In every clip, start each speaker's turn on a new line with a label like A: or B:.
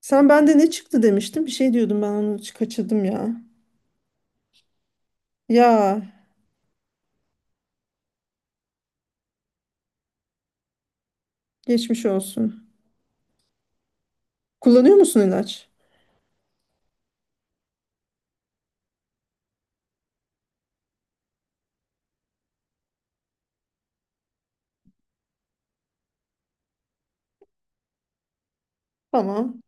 A: Sen bende ne çıktı demiştin? Bir şey diyordum ben onu kaçırdım ya. Ya geçmiş olsun. Kullanıyor musun ilaç? Tamam.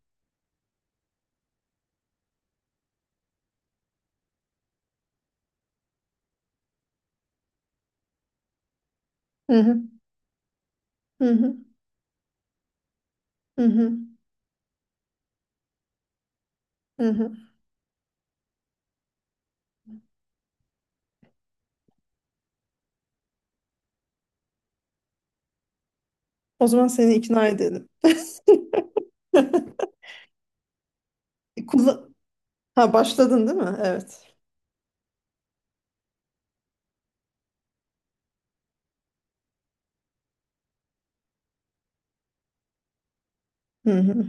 A: Hı hı. Hı hı. Hı hı. Hı hı. O zaman seni ikna edelim. Kullan ha başladın değil mi? Evet. Hı hı.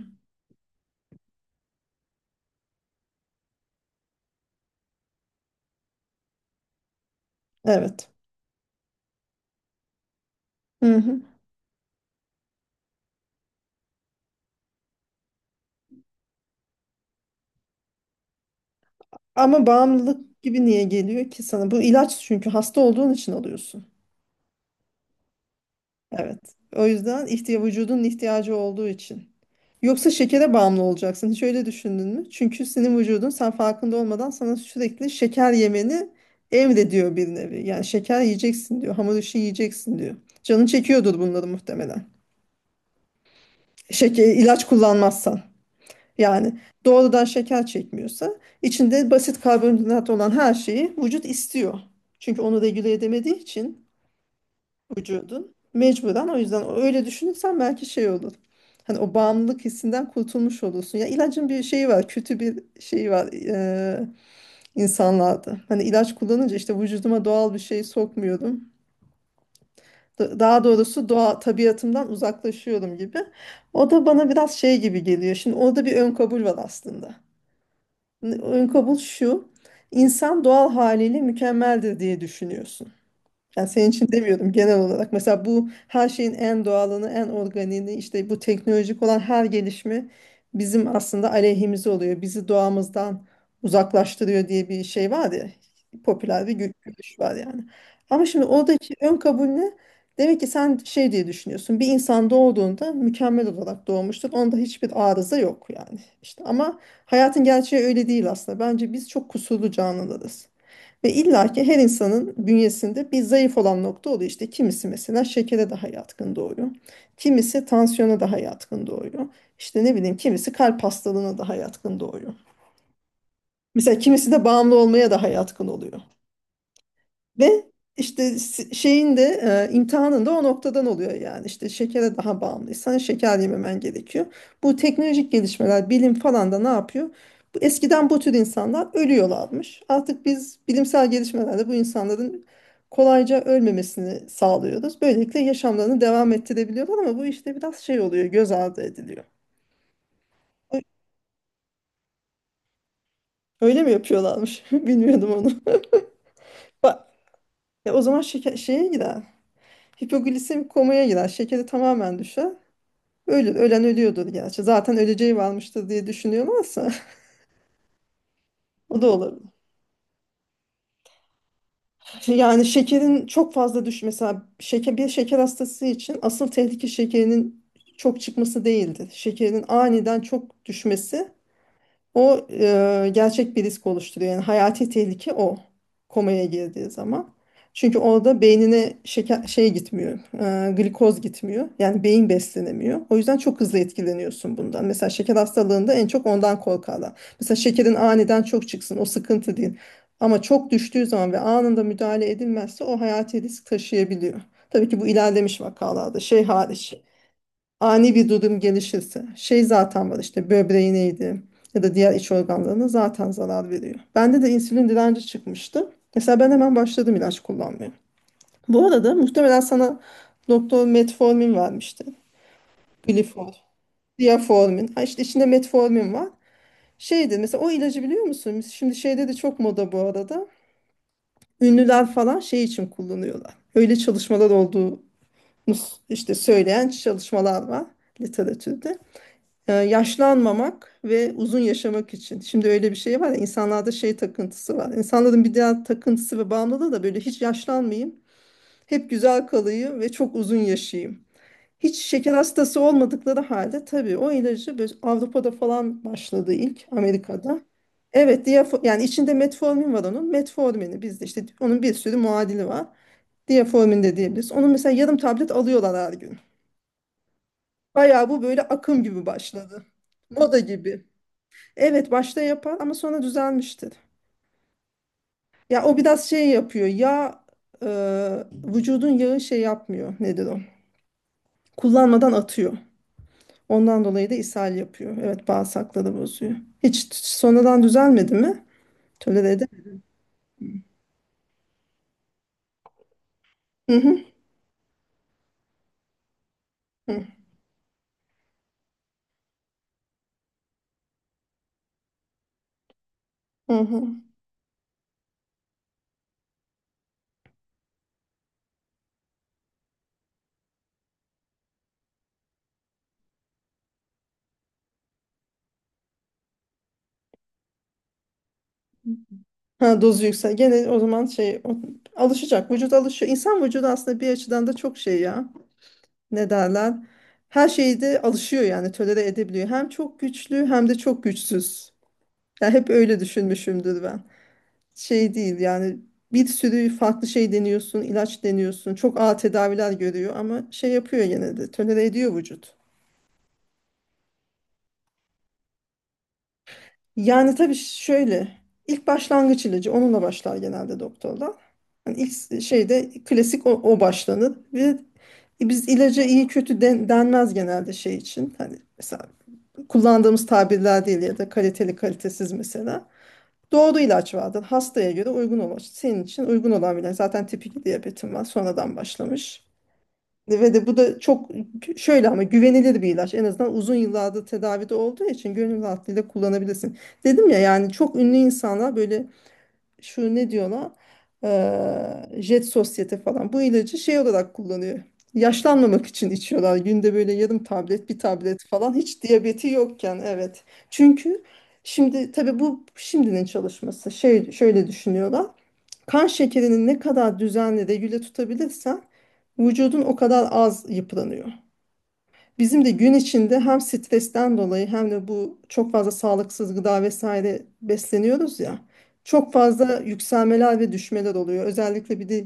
A: Evet. Hı hı. Ama bağımlılık gibi niye geliyor ki sana? Bu ilaç çünkü hasta olduğun için alıyorsun. Evet. O yüzden vücudun ihtiyacı olduğu için. Yoksa şekere bağımlı olacaksın. Hiç öyle düşündün mü? Çünkü senin vücudun sen farkında olmadan sana sürekli şeker yemeni emrediyor bir nevi. Yani şeker yiyeceksin diyor. Hamur işi yiyeceksin diyor. Canın çekiyordur bunları muhtemelen. Şeker, ilaç kullanmazsan. Yani doğrudan şeker çekmiyorsa içinde basit karbonhidrat olan her şeyi vücut istiyor. Çünkü onu regüle edemediği için vücudun. Mecburen o yüzden öyle düşünürsen belki şey olur. Hani o bağımlılık hissinden kurtulmuş olursun. Ya ilacın bir şeyi var, kötü bir şeyi var insanlarda. Hani ilaç kullanınca işte vücuduma doğal bir şey sokmuyorum. Daha doğrusu tabiatımdan uzaklaşıyorum gibi. O da bana biraz şey gibi geliyor. Şimdi orada bir ön kabul var aslında. Ön kabul şu. İnsan doğal haliyle mükemmeldir diye düşünüyorsun. Yani senin için demiyordum, genel olarak. Mesela bu her şeyin en doğalını, en organiğini, işte bu teknolojik olan her gelişme bizim aslında aleyhimize oluyor. Bizi doğamızdan uzaklaştırıyor diye bir şey var ya. Popüler bir görüş var yani. Ama şimdi oradaki ön kabul ne? Demek ki sen şey diye düşünüyorsun. Bir insan doğduğunda mükemmel olarak doğmuştur. Onda hiçbir arıza yok yani. İşte ama hayatın gerçeği öyle değil aslında. Bence biz çok kusurlu canlılarız. Ve illaki her insanın bünyesinde bir zayıf olan nokta oluyor. İşte kimisi mesela şekere daha yatkın doğuyor. Kimisi tansiyona daha yatkın doğuyor. İşte ne bileyim, kimisi kalp hastalığına daha yatkın doğuyor. Mesela kimisi de bağımlı olmaya daha yatkın oluyor. Ve işte şeyin de imtihanın da o noktadan oluyor yani. İşte şekere daha bağımlıysan şeker yememen gerekiyor. Bu teknolojik gelişmeler, bilim falan da ne yapıyor? Bu, eskiden bu tür insanlar ölüyorlarmış. Artık biz bilimsel gelişmelerle bu insanların kolayca ölmemesini sağlıyoruz. Böylelikle yaşamlarını devam ettirebiliyorlar ama bu işte biraz şey oluyor, göz ardı ediliyor. Ö- Öyle mi yapıyorlarmış? Bilmiyordum onu. Bak, o zaman şeye girer. Hipoglisemik komaya girer. Şekeri tamamen düşer. Öyle, ölen ölüyordur gerçi. Zaten öleceği varmıştır diye düşünüyorlarsa o da olabilir. Yani şekerin çok fazla düş mesela şeker, bir şeker hastası için asıl tehlike şekerinin çok çıkması değildir. Şekerin aniden çok düşmesi, gerçek bir risk oluşturuyor. Yani hayati tehlike o komaya girdiği zaman. Çünkü orada beynine şeker şey gitmiyor, glikoz gitmiyor. Yani beyin beslenemiyor. O yüzden çok hızlı etkileniyorsun bundan. Mesela şeker hastalığında en çok ondan korkarlar. Mesela şekerin aniden çok çıksın, o sıkıntı değil. Ama çok düştüğü zaman ve anında müdahale edilmezse o hayati risk taşıyabiliyor. Tabii ki bu ilerlemiş vakalarda şey hariç, ani bir durum gelişirse şey zaten var, işte böbreğineydi ya da diğer iç organlarına zaten zarar veriyor. Bende de insülin direnci çıkmıştı. Mesela ben hemen başladım ilaç kullanmaya. Bu arada muhtemelen sana doktor metformin vermişti. Glifor, diaformin. Ha, işte içinde metformin var. Şeydi mesela, o ilacı biliyor musun? Şimdi şeyde de çok moda bu arada. Ünlüler falan şey için kullanıyorlar. Öyle çalışmalar olduğunu, işte söyleyen çalışmalar var literatürde. Yaşlanmamak ve uzun yaşamak için. Şimdi öyle bir şey var ya, insanlarda şey takıntısı var. İnsanların bir diğer takıntısı ve bağımlılığı da böyle hiç yaşlanmayayım, hep güzel kalayım ve çok uzun yaşayayım. Hiç şeker hastası olmadıkları halde, tabii o ilacı böyle Avrupa'da falan başladı, ilk Amerika'da. Evet, yani içinde metformin var onun. Metformini bizde işte onun bir sürü muadili var. Diaformin de diyebiliriz. Onun mesela yarım tablet alıyorlar her gün. Bayağı bu böyle akım gibi başladı. Moda gibi. Evet, başta yapar ama sonra düzelmiştir. Ya o biraz şey yapıyor. E, vücudun yağı şey yapmıyor. Nedir o? Kullanmadan atıyor. Ondan dolayı da ishal yapıyor. Evet, bağırsakları bozuyor. Hiç sonradan düzelmedi mi? Tolere edemedi. Hı hı. Hı hı. Hı. Ha, dozu yüksel. Gene o zaman şey alışacak. Vücut alışıyor. İnsan vücudu aslında bir açıdan da çok şey ya. Ne derler? Her şeyde alışıyor yani, tolere edebiliyor. Hem çok güçlü hem de çok güçsüz. Ya hep öyle düşünmüşümdür ben. Şey değil yani, bir sürü farklı şey deniyorsun, ilaç deniyorsun. Çok ağır tedaviler görüyor ama şey yapıyor, gene de tolere ediyor vücut. Yani tabii şöyle, ilk başlangıç ilacı onunla başlar genelde doktorlar. Yani ilk şeyde klasik o başlanır ve biz ilaca iyi kötü denmez genelde, şey için. Hani mesela kullandığımız tabirler değil ya da kaliteli kalitesiz mesela. Doğru ilaç verdin. Hastaya göre uygun olan. Senin için uygun olan bile. Zaten tip 2 diyabetin var. Sonradan başlamış. Ve de bu da çok şöyle ama güvenilir bir ilaç. En azından uzun yıllardır tedavide olduğu için gönül rahatlığıyla kullanabilirsin. Dedim ya, yani çok ünlü insanlar böyle, şu ne diyor ona, Jet Sosyete falan bu ilacı şey olarak kullanıyor. Yaşlanmamak için içiyorlar. Günde böyle yarım tablet, bir tablet falan, hiç diyabeti yokken, evet. Çünkü şimdi tabii bu şimdinin çalışması. Şey, şöyle düşünüyorlar. Kan şekerini ne kadar düzenli regüle tutabilirsen, vücudun o kadar az yıpranıyor. Bizim de gün içinde hem stresten dolayı hem de bu çok fazla sağlıksız gıda vesaire besleniyoruz ya. Çok fazla yükselmeler ve düşmeler oluyor. Özellikle bir de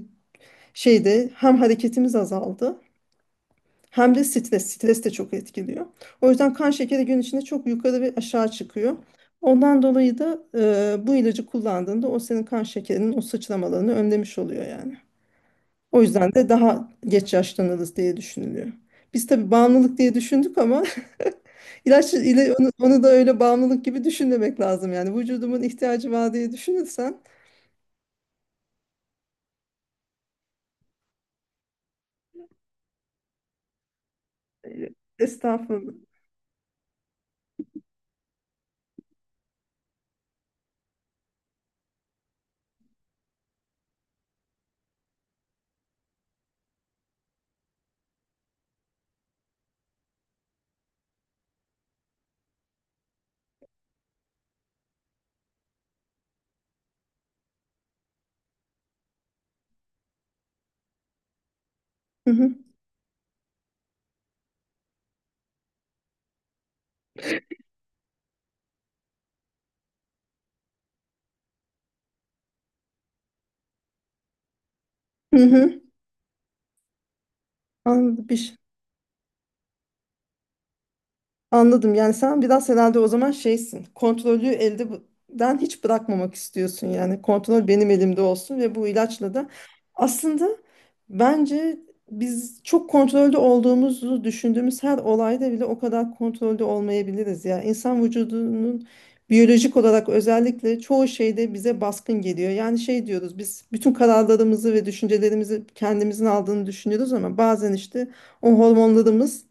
A: şeyde hem hareketimiz azaldı hem de stres. Stres de çok etkiliyor. O yüzden kan şekeri gün içinde çok yukarı ve aşağı çıkıyor. Ondan dolayı da bu ilacı kullandığında o senin kan şekerinin o sıçramalarını önlemiş oluyor yani. O yüzden de daha geç yaşlanırız diye düşünülüyor. Biz tabii bağımlılık diye düşündük ama İlaç ile onu da öyle bağımlılık gibi düşünmemek lazım yani. Vücudumun ihtiyacı var diye düşünürsen e, Estağfurullah. Hı hı. Hı hı. Anladım. Bir şey Anladım. Yani sen biraz herhalde o zaman şeysin. Kontrolü elden hiç bırakmamak istiyorsun. Yani kontrol benim elimde olsun ve bu ilaçla da aslında bence biz, çok kontrolde olduğumuzu düşündüğümüz her olayda bile o kadar kontrolde olmayabiliriz ya. İnsan vücudunun biyolojik olarak özellikle çoğu şeyde bize baskın geliyor. Yani şey diyoruz, biz bütün kararlarımızı ve düşüncelerimizi kendimizin aldığını düşünüyoruz ama bazen işte o hormonlarımız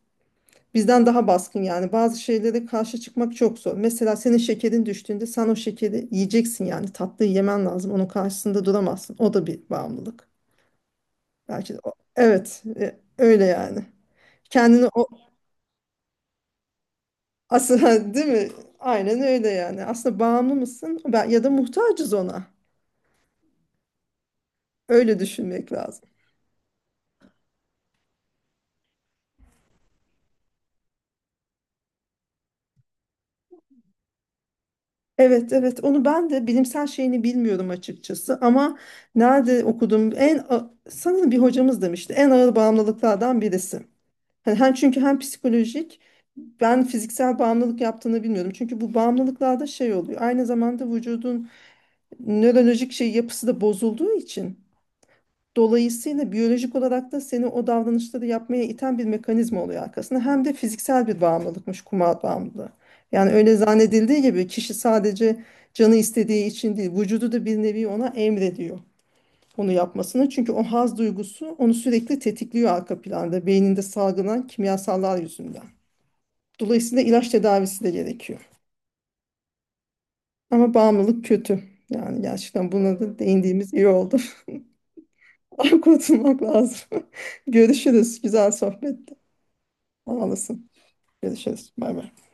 A: bizden daha baskın. Yani bazı şeylere karşı çıkmak çok zor. Mesela senin şekerin düştüğünde sen o şekeri yiyeceksin yani, tatlıyı yemen lazım. Onun karşısında duramazsın. O da bir bağımlılık. Belki de o. Evet, öyle yani. Kendini o aslında değil mi? Aynen öyle yani. Aslında bağımlı mısın? Ya da muhtacız ona. Öyle düşünmek lazım. Evet, evet, onu ben de bilimsel şeyini bilmiyorum açıkçası ama nerede okudum, sanırım bir hocamız demişti, en ağır bağımlılıklardan birisi. Hani hem çünkü hem psikolojik, ben fiziksel bağımlılık yaptığını bilmiyordum. Çünkü bu bağımlılıklarda şey oluyor. Aynı zamanda vücudun nörolojik şey yapısı da bozulduğu için dolayısıyla biyolojik olarak da seni o davranışları yapmaya iten bir mekanizma oluyor arkasında. Hem de fiziksel bir bağımlılıkmış kumar bağımlılığı. Yani öyle zannedildiği gibi kişi sadece canı istediği için değil, vücudu da bir nevi ona emrediyor onu yapmasını. Çünkü o haz duygusu onu sürekli tetikliyor arka planda, beyninde salgılanan kimyasallar yüzünden. Dolayısıyla ilaç tedavisi de gerekiyor. Ama bağımlılık kötü. Yani gerçekten buna da değindiğimiz iyi oldu. Ay, kurtulmak lazım. Görüşürüz. Güzel sohbetti. Sağ olasın. Görüşürüz. Bay bay.